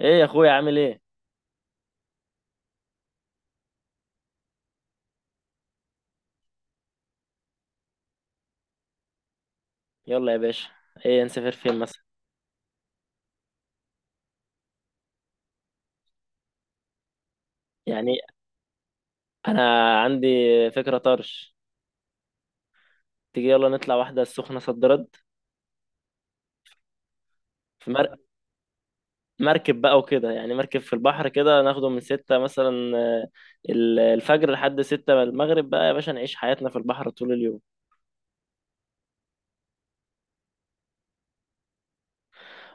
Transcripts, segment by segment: ايه يا اخويا عامل ايه؟ يلا يا باشا. ايه نسافر فين مثلا؟ يعني انا عندي فكرة طرش. تيجي يلا نطلع واحدة السخنة صد رد. في مر... مركب بقى وكده، يعني مركب في البحر كده، ناخده من 6 مثلا، الفجر لحد 6 المغرب بقى يا باشا، نعيش حياتنا في البحر طول اليوم.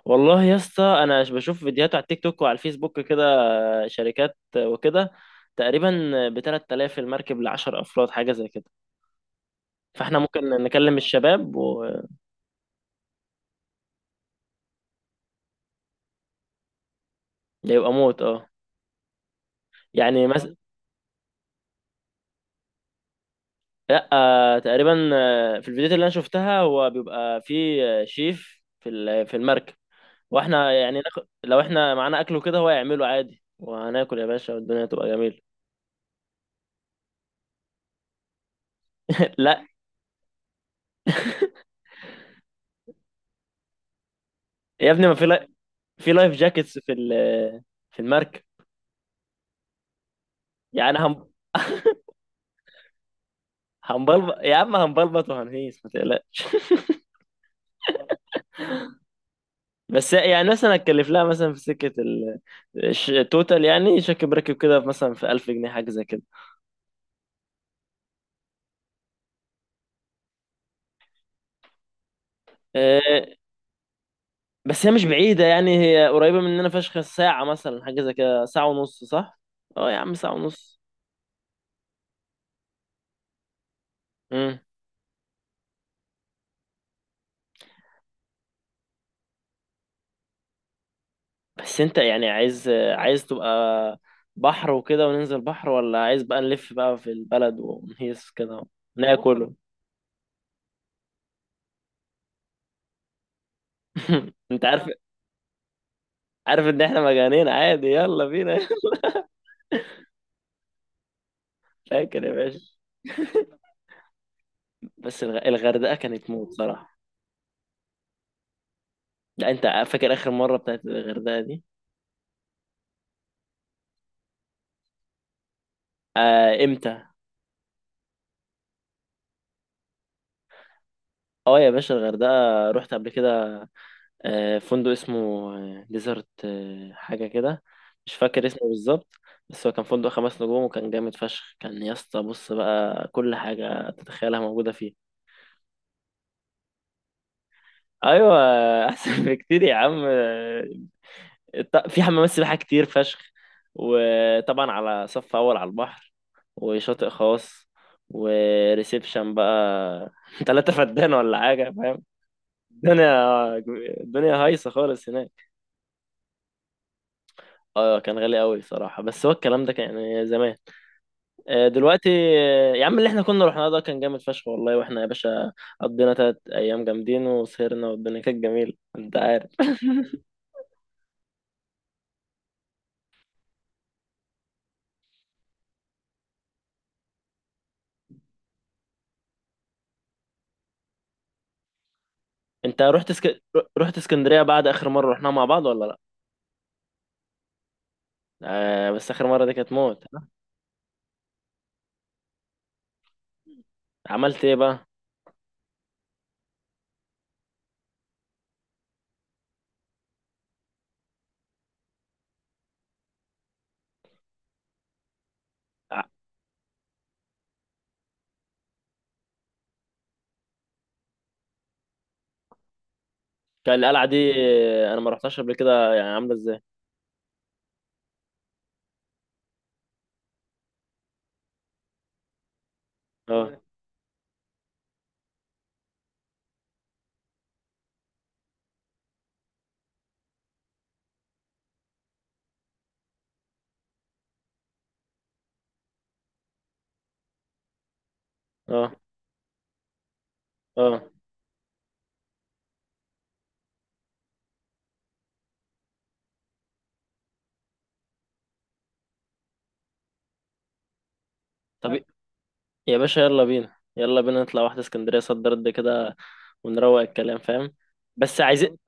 والله يا اسطى انا بشوف فيديوهات على التيك توك وعلى الفيسبوك كده، شركات وكده. تقريبا ب 3000 المركب ل 10 افراد حاجة زي كده. فاحنا ممكن نكلم الشباب ويبقى موت، اه. يعني مثلا. لا، تقريبا، في الفيديوهات اللي انا شفتها هو بيبقى فيه شيف في المركب. واحنا يعني ناخد لو احنا معانا اكل وكده هو يعمله عادي وهناكل يا باشا والدنيا تبقى جميله. لا يا ابني، ما في، لا، في لايف جاكيتس في المركب. يعني هم، هنبلبط يا عم، هنبلبط وهنهيس ما تقلقش بس يعني مثلا هتكلف لها مثلا في سكه التوتال، يعني شكل بركب كده مثلا في 1000 جنيه حاجه زي كده. آه، بس هي مش بعيدة، يعني هي قريبة مننا فشخ، ساعة مثلا حاجة زي كده، ساعة ونص صح؟ اه يا عم ساعة ونص. مم. بس انت يعني عايز تبقى بحر وكده وننزل بحر، ولا عايز بقى نلف بقى في البلد ونهيس كده وناكل؟ انت عارف، ان احنا مجانين، عادي يلا بينا فاكر يا باشا. بس الغردقة كانت موت صراحة. لا انت فاكر اخر مرة بتاعت الغردقة دي؟ آه، امتى؟ اه يا باشا الغردقة رحت قبل كده. فندق اسمه ديزرت حاجة كده، مش فاكر اسمه بالظبط. بس هو كان فندق خمس نجوم وكان جامد فشخ، كان يا اسطى بص بقى كل حاجة تتخيلها موجودة فيه. أيوة، أحسن بكتير يا عم. في حمامات سباحة كتير فشخ، وطبعا على صف أول على البحر، وشاطئ خاص، وريسبشن بقى 3 فدان ولا حاجة، فاهم. الدنيا، الدنيا هايصة خالص هناك. اه كان غالي قوي صراحة، بس هو الكلام ده كان يعني زمان. دلوقتي. يا عم اللي احنا كنا رحنا ده كان جامد فشخ والله، واحنا يا باشا قضينا 3 ايام جامدين وسهرنا والدنيا كانت جميلة، انت عارف. انت رحت اسك... رحت اسكندرية بعد اخر مرة رحناها مع بعض ولا لا؟ آه بس اخر مرة دي كانت موت، ها؟ عملت ايه بقى؟ ع- كان القلعة دي، انا ما رحتهاش قبل كده، يعني عاملة ازاي؟ اه، اه، اه. طب يا باشا يلا بينا، يلا بينا نطلع واحدة اسكندرية صد رد كده ونروق الكلام، فاهم. بس عايزين،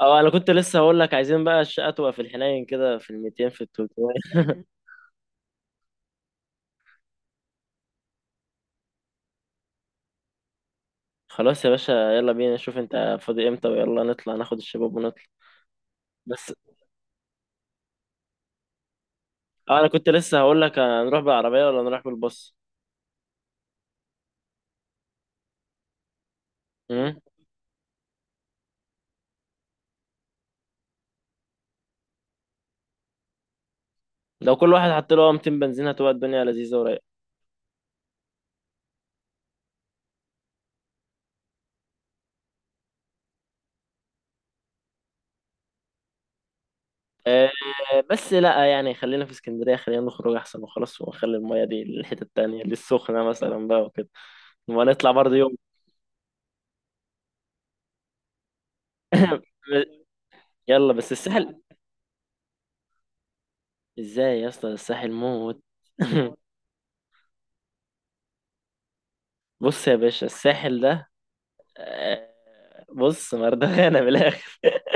اه انا كنت لسه هقول لك عايزين بقى الشقه تبقى في الحنين كده، في ال 200 في ال 300 خلاص يا باشا، يلا بينا نشوف انت فاضي امتى ويلا نطلع ناخد الشباب ونطلع. بس اه انا كنت لسه هقول لك هنروح بالعربيه ولا نروح بالباص؟ امم، لو كل واحد حط له 200 بنزين هتبقى الدنيا لذيذه ورايقه. آه بس لا، يعني خلينا في اسكندريه، خلينا نخرج احسن وخلاص، ونخلي المايه دي للحته التانيه للسخنه مثلا بقى وكده، ونطلع برضه يوم. يلا بس الساحل. ازاي يا اسطى الساحل موت. بص يا باشا الساحل ده، آه، بص مردغانا من الاخر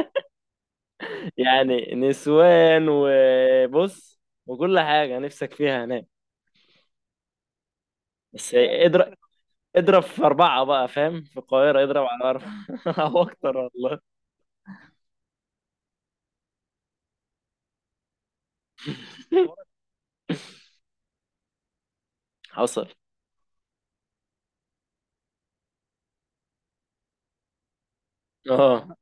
يعني نسوان، وبص وكل حاجه نفسك فيها هناك. بس اضرب، اضرب في اربعه بقى فاهم، في القاهره اضرب على اربعه او اكتر والله. حصل، اه.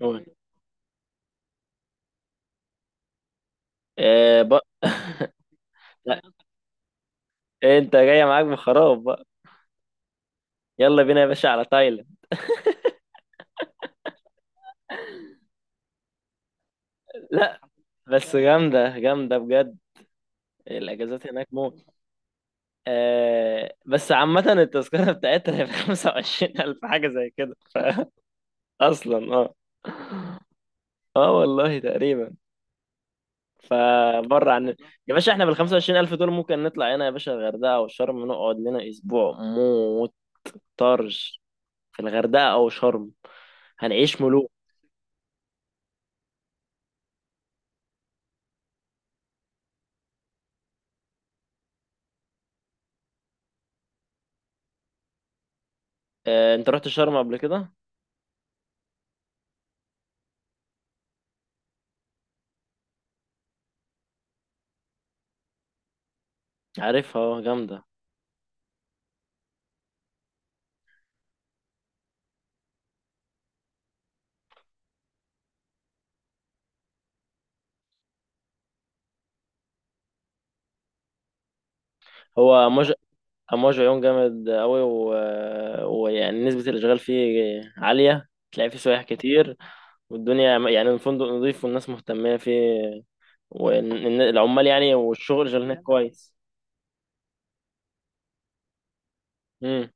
قول. آه، بق... لا انت جاي معاك بخراب بقى. يلا بينا يا باشا على تايلاند. لا بس جامده جامده بجد، الاجازات هناك موت. آه بس عامة التذكرة بتاعتنا هي بخمسة وعشرين ألف حاجة زي كده أصلا اه. اه والله تقريبا. فبره عن. يا باشا احنا بال 25000 ألف دول ممكن نطلع هنا يا باشا الغردقة أو شرم نقعد لنا أسبوع موت. طرش. في الغردقة أو شرم هنعيش ملوك. اه، أنت رحت شرم قبل كده؟ عارفها، اه جامدة. هو موج، موج عيون جامد أوي. و... ويعني نسبة الإشغال فيه عالية، تلاقي فيه سياح كتير، والدنيا يعني الفندق نظيف والناس مهتمة فيه، والعمال يعني والشغل شغال هناك كويس. امم.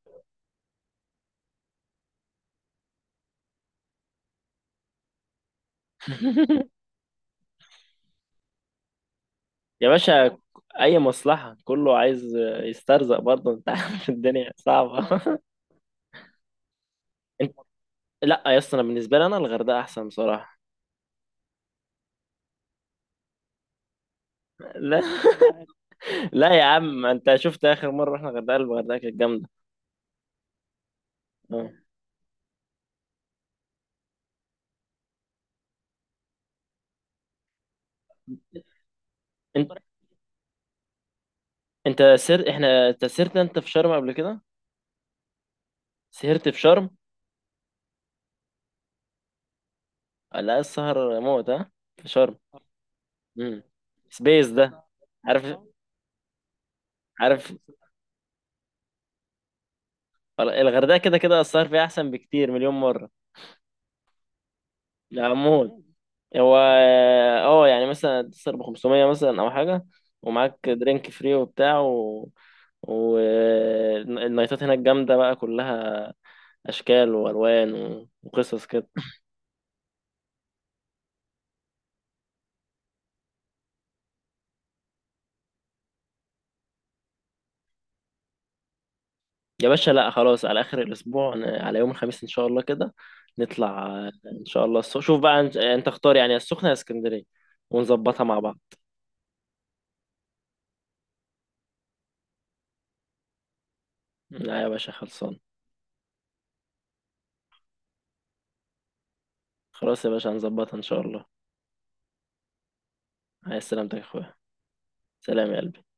يا باشا أي مصلحة كله عايز يسترزق برضه أنت عارف الدنيا صعبة. أنت، لا يا اسطى، أنا بالنسبة لي أنا الغردقة أحسن بصراحة. لا لا يا عم، أنت شفت آخر مرة رحنا الغردقة، الغردقة كانت جامدة. آه. أنت أنت سر إحنا، أنت سهرت أنت في شرم قبل كده؟ سهرت في شرم؟ لا السهر موت، ها، في شرم. امم، سبيس ده. عارف، عارف الغردقة كده كده السهر فيها أحسن بكتير مليون مرة. العمود، مم. هو اه، يعني مثلا تسهر ب 500 مثلا أو حاجة، ومعاك درينك فري وبتاع، و... والنايتات هناك جامدة بقى كلها، أشكال وألوان وقصص كده. يا باشا لا خلاص، على آخر الأسبوع على يوم الخميس إن شاء الله كده، نطلع إن شاء الله. شوف بقى أنت اختار يعني السخنة يا اسكندرية ونظبطها مع بعض. لا يا باشا خلصان. خلاص يا باشا هنظبطها إن شاء الله. عايز سلامتك يا أخويا. سلام يا قلبي.